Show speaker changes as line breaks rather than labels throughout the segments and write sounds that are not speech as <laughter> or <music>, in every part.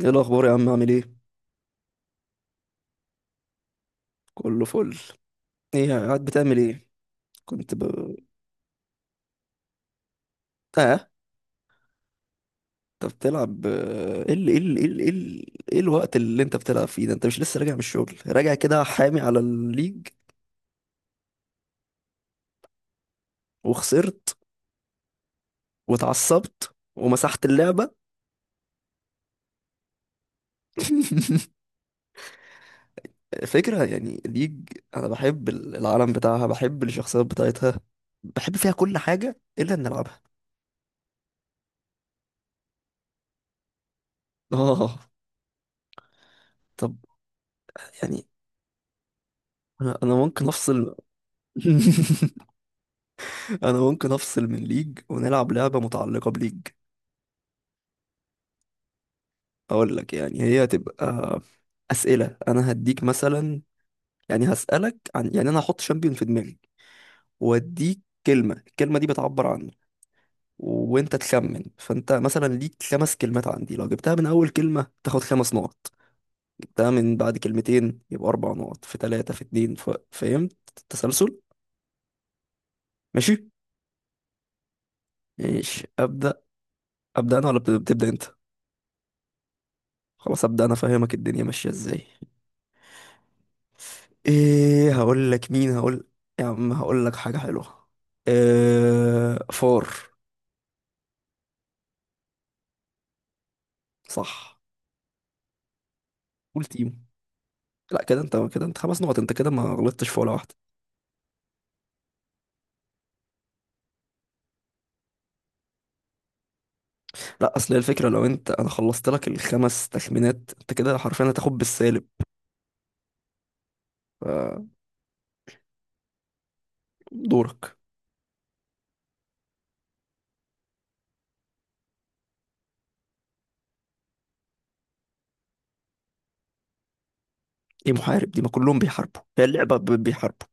ايه الاخبار يا عم؟ عامل ايه؟ كله فل. ايه قاعد بتعمل ايه؟ كنت ب... اه، انت بتلعب؟ إيه الوقت اللي انت بتلعب فيه ده؟ انت مش لسه راجع من الشغل، راجع كده حامي على الليج؟ وخسرت واتعصبت ومسحت اللعبة. <laughs> فكرة يعني ليج، انا بحب العالم بتاعها، بحب الشخصيات بتاعتها، بحب فيها كل حاجة الا ان العبها. اه طب، يعني انا ممكن افصل. <laughs> انا ممكن افصل من ليج ونلعب لعبة متعلقة بليج. اقول لك يعني هي هتبقى اسئلة، انا هديك مثلا، يعني هسألك عن، يعني انا هحط شامبيون في دماغي واديك كلمة، الكلمة دي بتعبر عنه وانت تخمن. فانت مثلا ليك خمس كلمات عندي، لو جبتها من اول كلمة تاخد خمس نقط، جبتها من بعد كلمتين يبقى اربع نقط، في ثلاثة، في اتنين. فهمت التسلسل؟ ماشي. ماشي، ابدا. ابدا انا ولا بتبدا انت؟ خلاص، ابدا انا، فاهمك الدنيا ماشية ازاي. ايه هقول لك؟ مين هقول؟ يا عم هقول لك حاجة حلوة. إيه فار. صح. قول تيم. لا، كده انت، كده انت خمس نقط، انت كده ما غلطتش في ولا واحدة. لا، اصل هي الفكرة لو انت، انا خلصت لك الخمس تخمينات انت كده حرفيا هتاخد بالسالب. ف- دورك. ايه محارب دي؟ ما كلهم بيحاربوا، هي اللعبة بيحاربوا.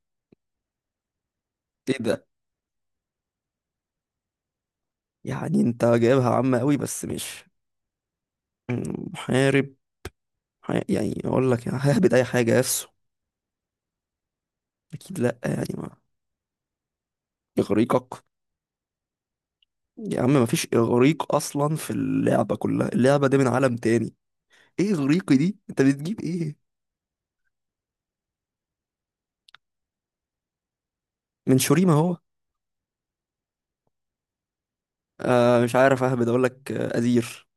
ايه ده؟ يعني انت جايبها عامة قوي، بس مش. مم، محارب. يعني اقول لك يعني ههبد اي حاجة. يسو؟ اكيد لا. يعني ما. اغريقك؟ يا عم مفيش اغريق اصلا في اللعبه كلها، اللعبه دي من عالم تاني. ايه اغريقي دي؟ انت بتجيب ايه؟ من شوريما هو؟ آه مش عارف، اهبد اقول لك. ازير؟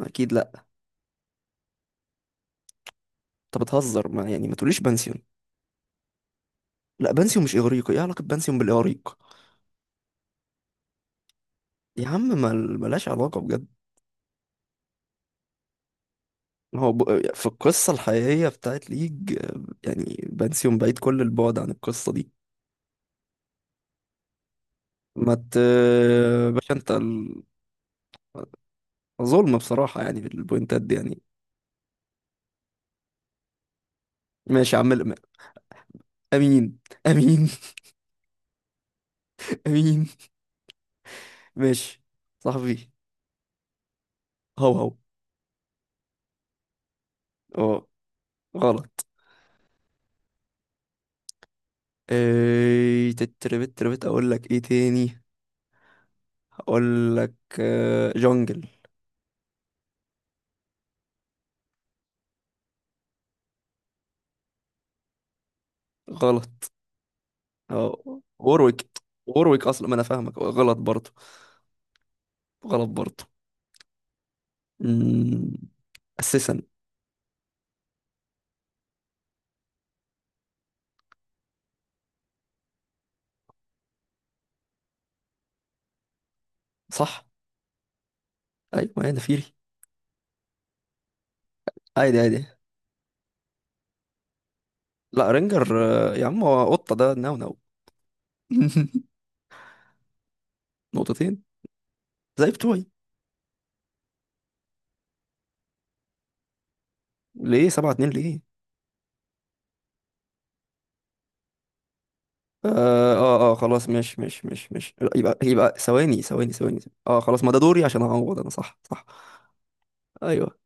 اكيد لا. انت بتهزر، ما يعني ما تقوليش بنسيون. لا بنسيون مش اغريقي، ايه علاقه بنسيون بالاغريق؟ يا عم ملهاش علاقه بجد. هو ب... في القصه الحقيقيه بتاعت ليج، يعني بنسيون بعيد كل البعد عن القصه دي. ما ت باشا انت ظلم بصراحه، يعني بالبوينتات دي يعني. ماشي يا عم. امين. امين. <laughs> امين. ماشي. صاحبي. هو هو. اه. غلط. ايه تتربت تربت، اقول لك ايه تاني. اقول لك. جونجل. غلط. اه وورويك. وورويك اصلا، ما انا فاهمك. غلط برضه. غلط برضه. أمم، اساسا. صح. ايوه انا فيري. عادي عادي. لا رينجر. يا عم هو قطه ده، نو نو. <laughs> نقطتين زي بتوعي. ليه 7-2 ليه؟ اه اه. خلاص، مش لا، يبقى ثواني ثواني ثواني. ثواني. اه خلاص، ما ده دوري عشان اعوض انا. صح صح. ايوه.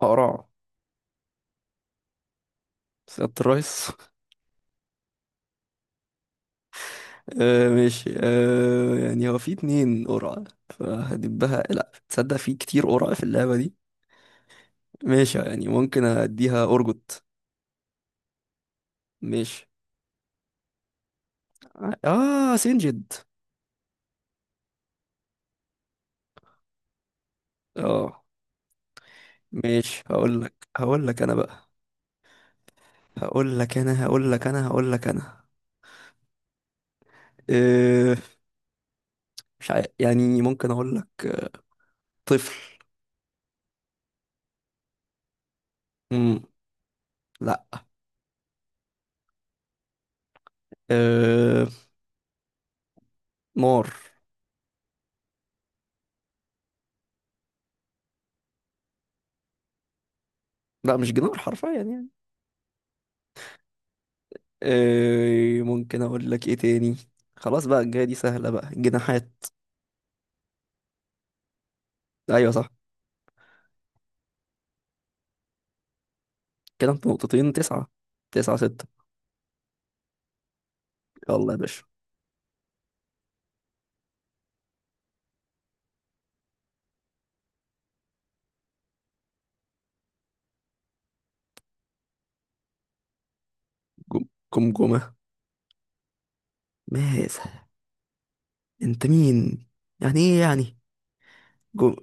قرع. سيادة الرئيس. <laughs> آه ماشي. آه يعني هو في اتنين قرع، فهدبها لا تصدق، في كتير قرع في اللعبة دي. ماشي، يعني ممكن اديها ارجوت. ماشي. اه سنجد. اه. ماشي، هقول لك هقول لك انا بقى، هقول لك انا هقول لك انا هقول لك انا. آه. مش عارف يعني، ممكن اقول لك طفل. مم. لا. أه... نار. لا مش جنار حرفيا يعني. أه... ممكن اقول لك ايه تاني. خلاص بقى، الجاية دي سهلة بقى، جناحات. ايوه صح. كده انت نقطتين تسعة. 9-6. يلا يا باشا. جم جمجمة. ماذا؟ انت مين؟ يعني ايه يعني؟ جم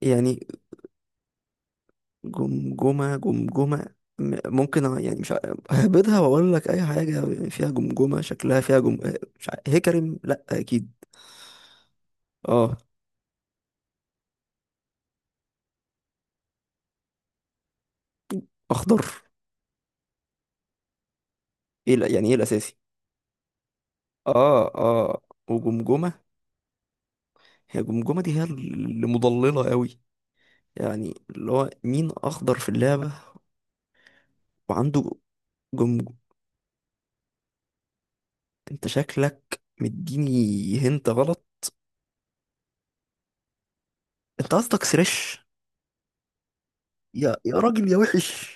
يعني جمجمة، ممكن يعني مش ع- ههبدها واقول لك اي حاجة فيها جمجمة، شكلها فيها مش ع- هكرم، لا اكيد. اه اخضر. ايه يعني ايه الاساسي؟ اه اه وجمجمة. هي جمجمة دي هي اللي مضللة قوي، يعني اللي هو مين اخضر في اللعبة وعنده جمجم. انت شكلك مديني، هنت غلط. انت قصدك سريش؟ يا يا راجل يا وحش.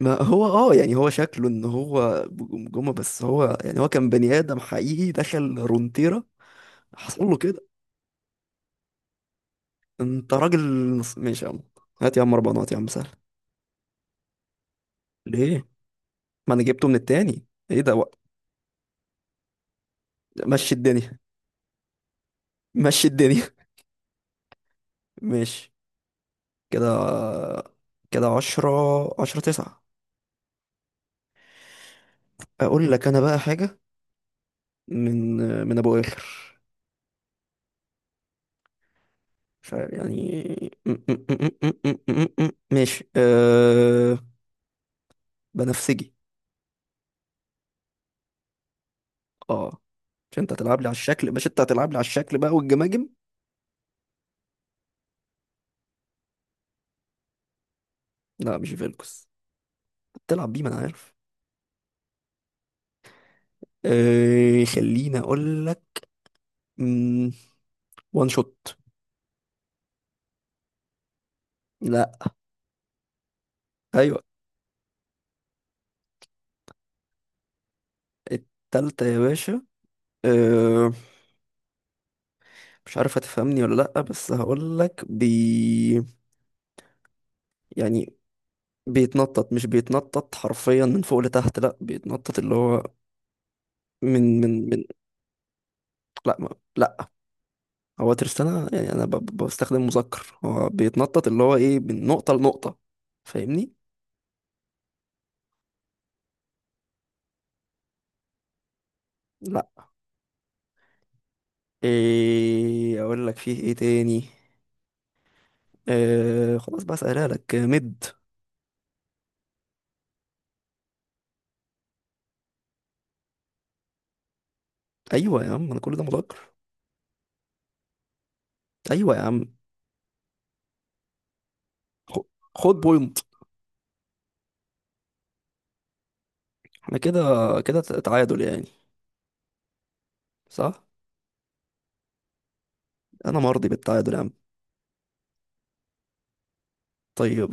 ما هو اه، يعني هو شكله ان هو بجمجمة، بس هو يعني هو كان بني ادم حقيقي دخل رونتيرا، حصل له كده. انت راجل. ماشي يا عم، هات يا عم اربعة نقط يا عم سهل. ليه؟ ما انا جبته من التاني. ايه ده مشي الدنيا. مشي الدنيا. <laughs> ماشي. كده. كده عشرة. 10-9. أقول لك أنا بقى حاجة. من. من أبو آخر، مش عارف يعني ماشي. أه... بنفسجي. اه، مش انت هتلعب لي على الشكل، مش انت هتلعب لي على الشكل بقى والجماجم. لا مش فيلكس، بتلعب بيه ما انا عارف. أه... خليني اقول لك. مم، وان شوت. لا. ايوه. التالتة يا باشا. آه، مش عارف هتفهمني ولا لأ، بس هقولك بي. يعني بيتنطط، مش بيتنطط حرفيا من فوق لتحت لأ، بيتنطط اللي هو من. لأ ما، لأ. هو ترستانا، يعني أنا بستخدم مذكر، هو بيتنطط اللي هو إيه، من نقطة لنقطة. فاهمني؟ لأ. إيه أقولك فيه إيه تاني؟ آه خلاص بقى، سألها لك مد. أيوة يا عم أنا كل ده مذكر. أيوة يا عم. خ- خد بوينت. احنا كده، كده تعادل يعني. صح؟ أنا مرضي بالتعادل يا عم. طيب.